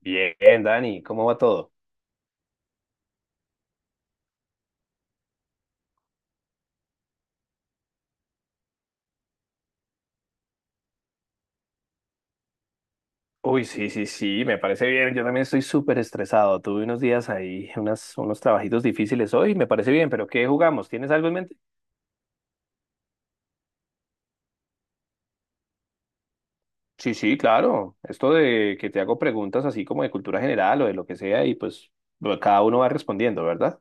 Bien, Dani, ¿cómo va todo? Uy, sí, sí, sí, me parece bien. Yo también estoy súper estresado. Tuve unos días ahí, unos trabajitos difíciles hoy, me parece bien, pero ¿qué jugamos? ¿Tienes algo en mente? Sí, sí, claro. Esto de que te hago preguntas así como de cultura general o de lo que sea y pues bueno, cada uno va respondiendo, ¿verdad?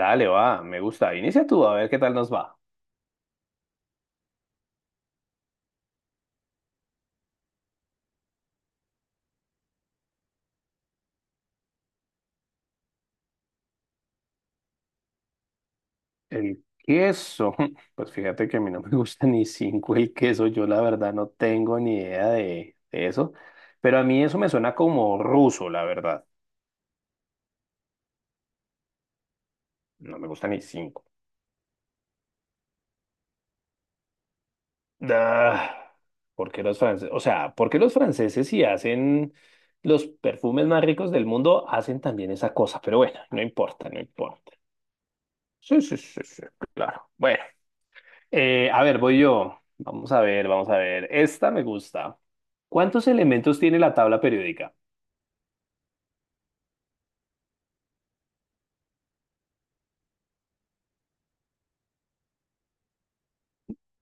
Dale, va, me gusta. Inicia tú, a ver qué tal nos va. El queso, pues fíjate que a mí no me gusta ni cinco el queso, yo la verdad no tengo ni idea de eso, pero a mí eso me suena como ruso, la verdad, no me gusta ni cinco. Ah, ¿por qué los franceses? O sea, ¿por qué los franceses si hacen los perfumes más ricos del mundo hacen también esa cosa? Pero bueno, no importa, no importa. Sí, sí, sí, sí, claro. Bueno, a ver, voy yo. Vamos a ver, vamos a ver. Esta me gusta. ¿Cuántos elementos tiene la tabla periódica?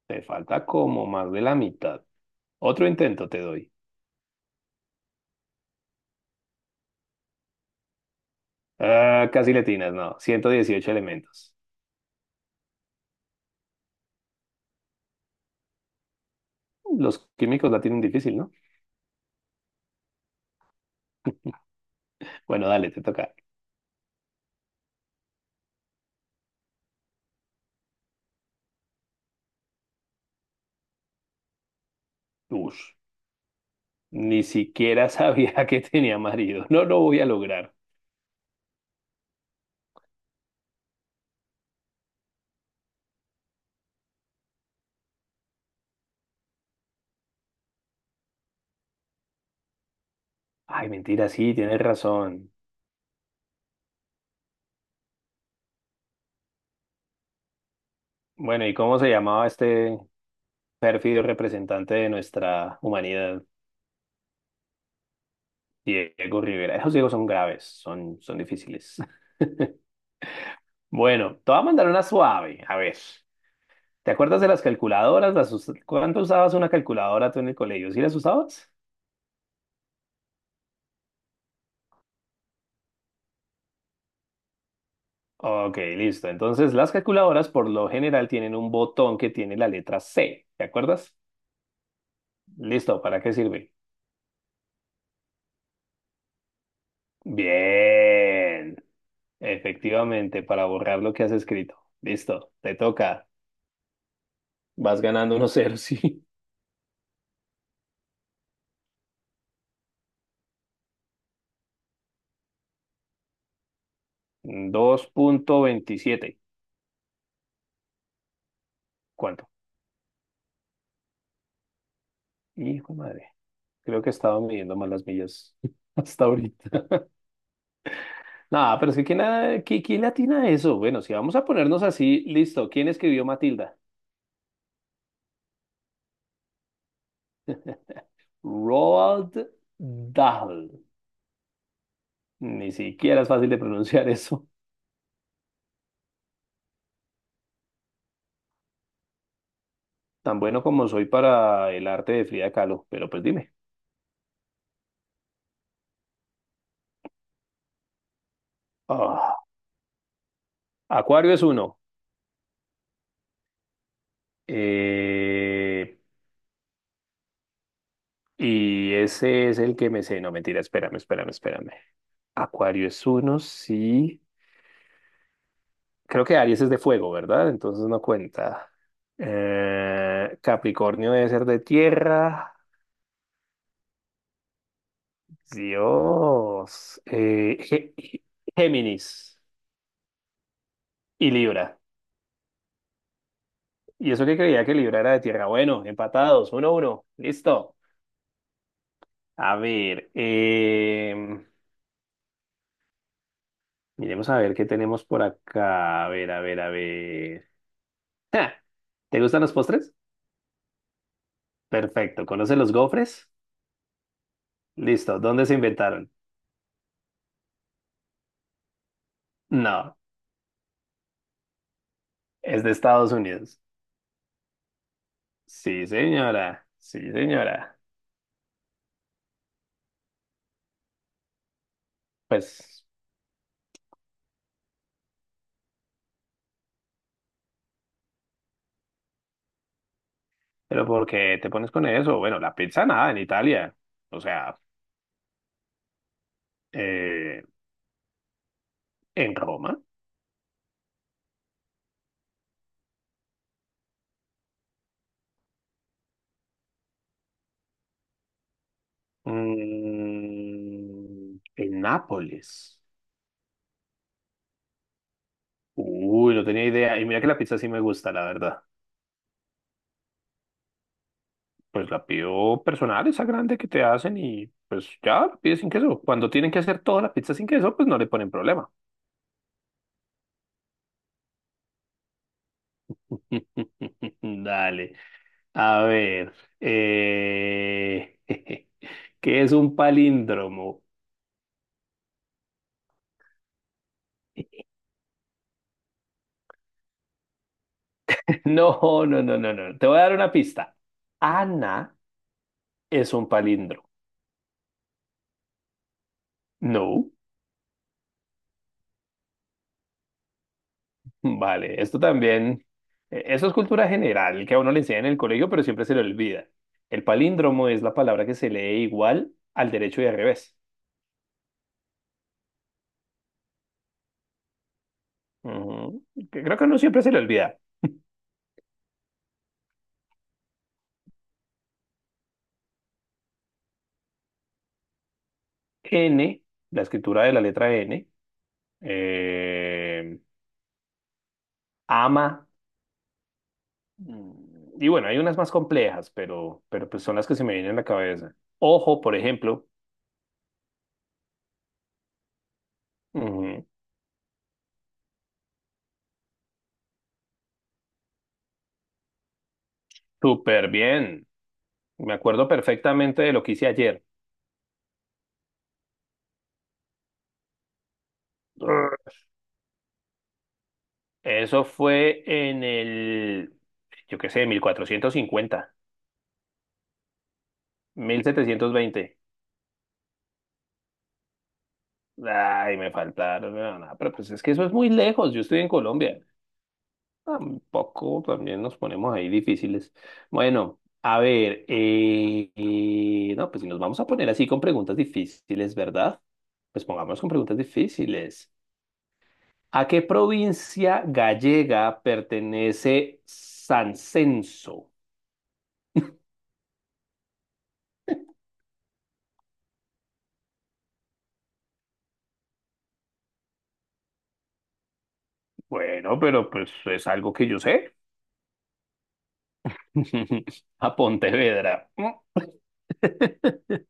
Te falta como más de la mitad. Otro intento te doy. Ah, casi le atinas, no. 118 elementos. Los químicos la tienen difícil, ¿no? Bueno, dale, te toca. Ush, ni siquiera sabía que tenía marido. No lo voy a lograr. Ay, mentira, sí, tienes razón. Bueno, ¿y cómo se llamaba este pérfido representante de nuestra humanidad? Diego Rivera. Esos ciegos son graves, son difíciles. Bueno, te voy a mandar una suave. A ver. ¿Te acuerdas de las calculadoras? ¿Cuánto usabas una calculadora tú en el colegio? ¿Sí las usabas? Ok, listo. Entonces, las calculadoras por lo general tienen un botón que tiene la letra C. ¿Te acuerdas? Listo, ¿para qué sirve? Bien. Efectivamente, para borrar lo que has escrito. Listo, te toca. Vas ganando 1-0, sí. 2,27. ¿Cuánto? Hijo de madre. Creo que estaba midiendo mal las millas hasta ahorita. Nada, pero es que ¿quién, quién le atina a eso? Bueno, si vamos a ponernos así, listo. ¿Quién escribió Matilda? Roald Dahl. Ni siquiera es fácil de pronunciar eso. Tan bueno como soy para el arte de Frida Kahlo, pero pues dime. Ah, Acuario es uno. Eh, y ese es el que me sé. No, mentira, espérame, espérame, espérame. Acuario es uno, sí. Creo que Aries es de fuego, ¿verdad? Entonces no cuenta. Capricornio debe ser de tierra. Dios. Géminis y Libra. Y eso que creía que Libra era de tierra. Bueno, empatados, 1-1. Listo. A ver, miremos a ver qué tenemos por acá. A ver, a ver, a ver. ¡Ja! ¿Te gustan los postres? Perfecto. ¿Conoces los gofres? Listo. ¿Dónde se inventaron? No, es de Estados Unidos. Sí, señora, sí, señora. Pues, pero ¿por qué te pones con eso? Bueno, la pizza nada en Italia. O sea, eh, en Roma. Mm, en Nápoles. Uy, no tenía idea. Y mira que la pizza sí me gusta, la verdad. Pues la pido personal, esa grande que te hacen y pues ya la pides sin queso. Cuando tienen que hacer toda la pizza sin queso, pues no le ponen problema. Dale. A ver, eh, ¿qué es un palíndromo? No, no, no, no, no. Te voy a dar una pista. Ana es un palíndromo. No, vale. Esto también, eso es cultura general que a uno le enseñan en el colegio, pero siempre se le olvida. El palíndromo es la palabra que se lee igual al derecho y al revés. Ujú. Que creo que a uno siempre se le olvida. N, la escritura de la letra N. eh, ama. Mm, Y bueno, hay unas más complejas, pero pues son las que se me vienen a la cabeza. Ojo, por ejemplo. Ujú. Súper bien. Me acuerdo perfectamente de lo que hice ayer. Eso fue en el, yo qué sé, mil cuatrocientos cincuenta, 1720. Ay, me faltaron. No, no, pero pues es que eso es muy lejos. Yo estoy en Colombia. Tampoco también nos ponemos ahí difíciles. Bueno, a ver, no, pues si nos vamos a poner así con preguntas difíciles, ¿verdad? Pues pongámonos con preguntas difíciles. ¿A qué provincia gallega pertenece Sancenso? Bueno, pero pues es algo que yo sé. A Pontevedra.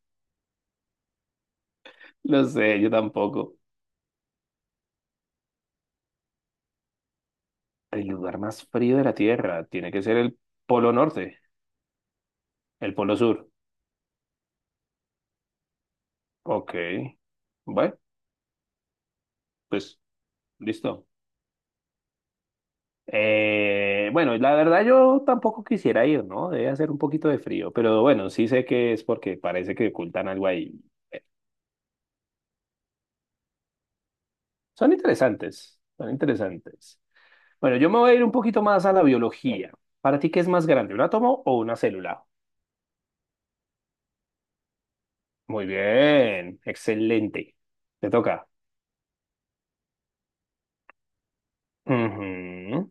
Lo sé, yo tampoco. El lugar más frío de la Tierra tiene que ser el Polo Norte, el Polo Sur. Ok, bueno, pues listo. Bueno, la verdad yo tampoco quisiera ir, ¿no? Debe hacer un poquito de frío, pero bueno, sí sé que es porque parece que ocultan algo ahí. Son interesantes, son interesantes. Bueno, yo me voy a ir un poquito más a la biología. ¿Para ti qué es más grande, un átomo o una célula? Muy bien, excelente. Te toca. Ujú.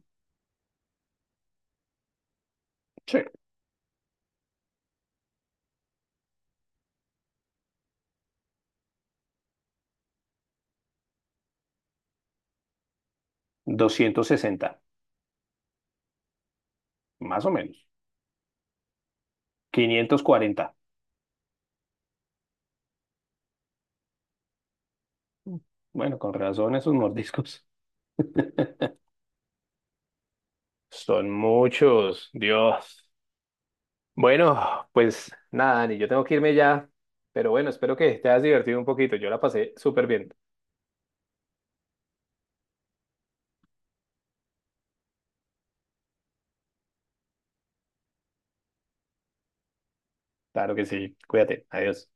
Sí, 260, más o menos. 540. Bueno, con razón esos mordiscos. Son muchos, Dios. Bueno, pues nada, Dani, yo tengo que irme ya, pero bueno, espero que te hayas divertido un poquito. Yo la pasé súper bien. Claro que sí, cuídate, adiós.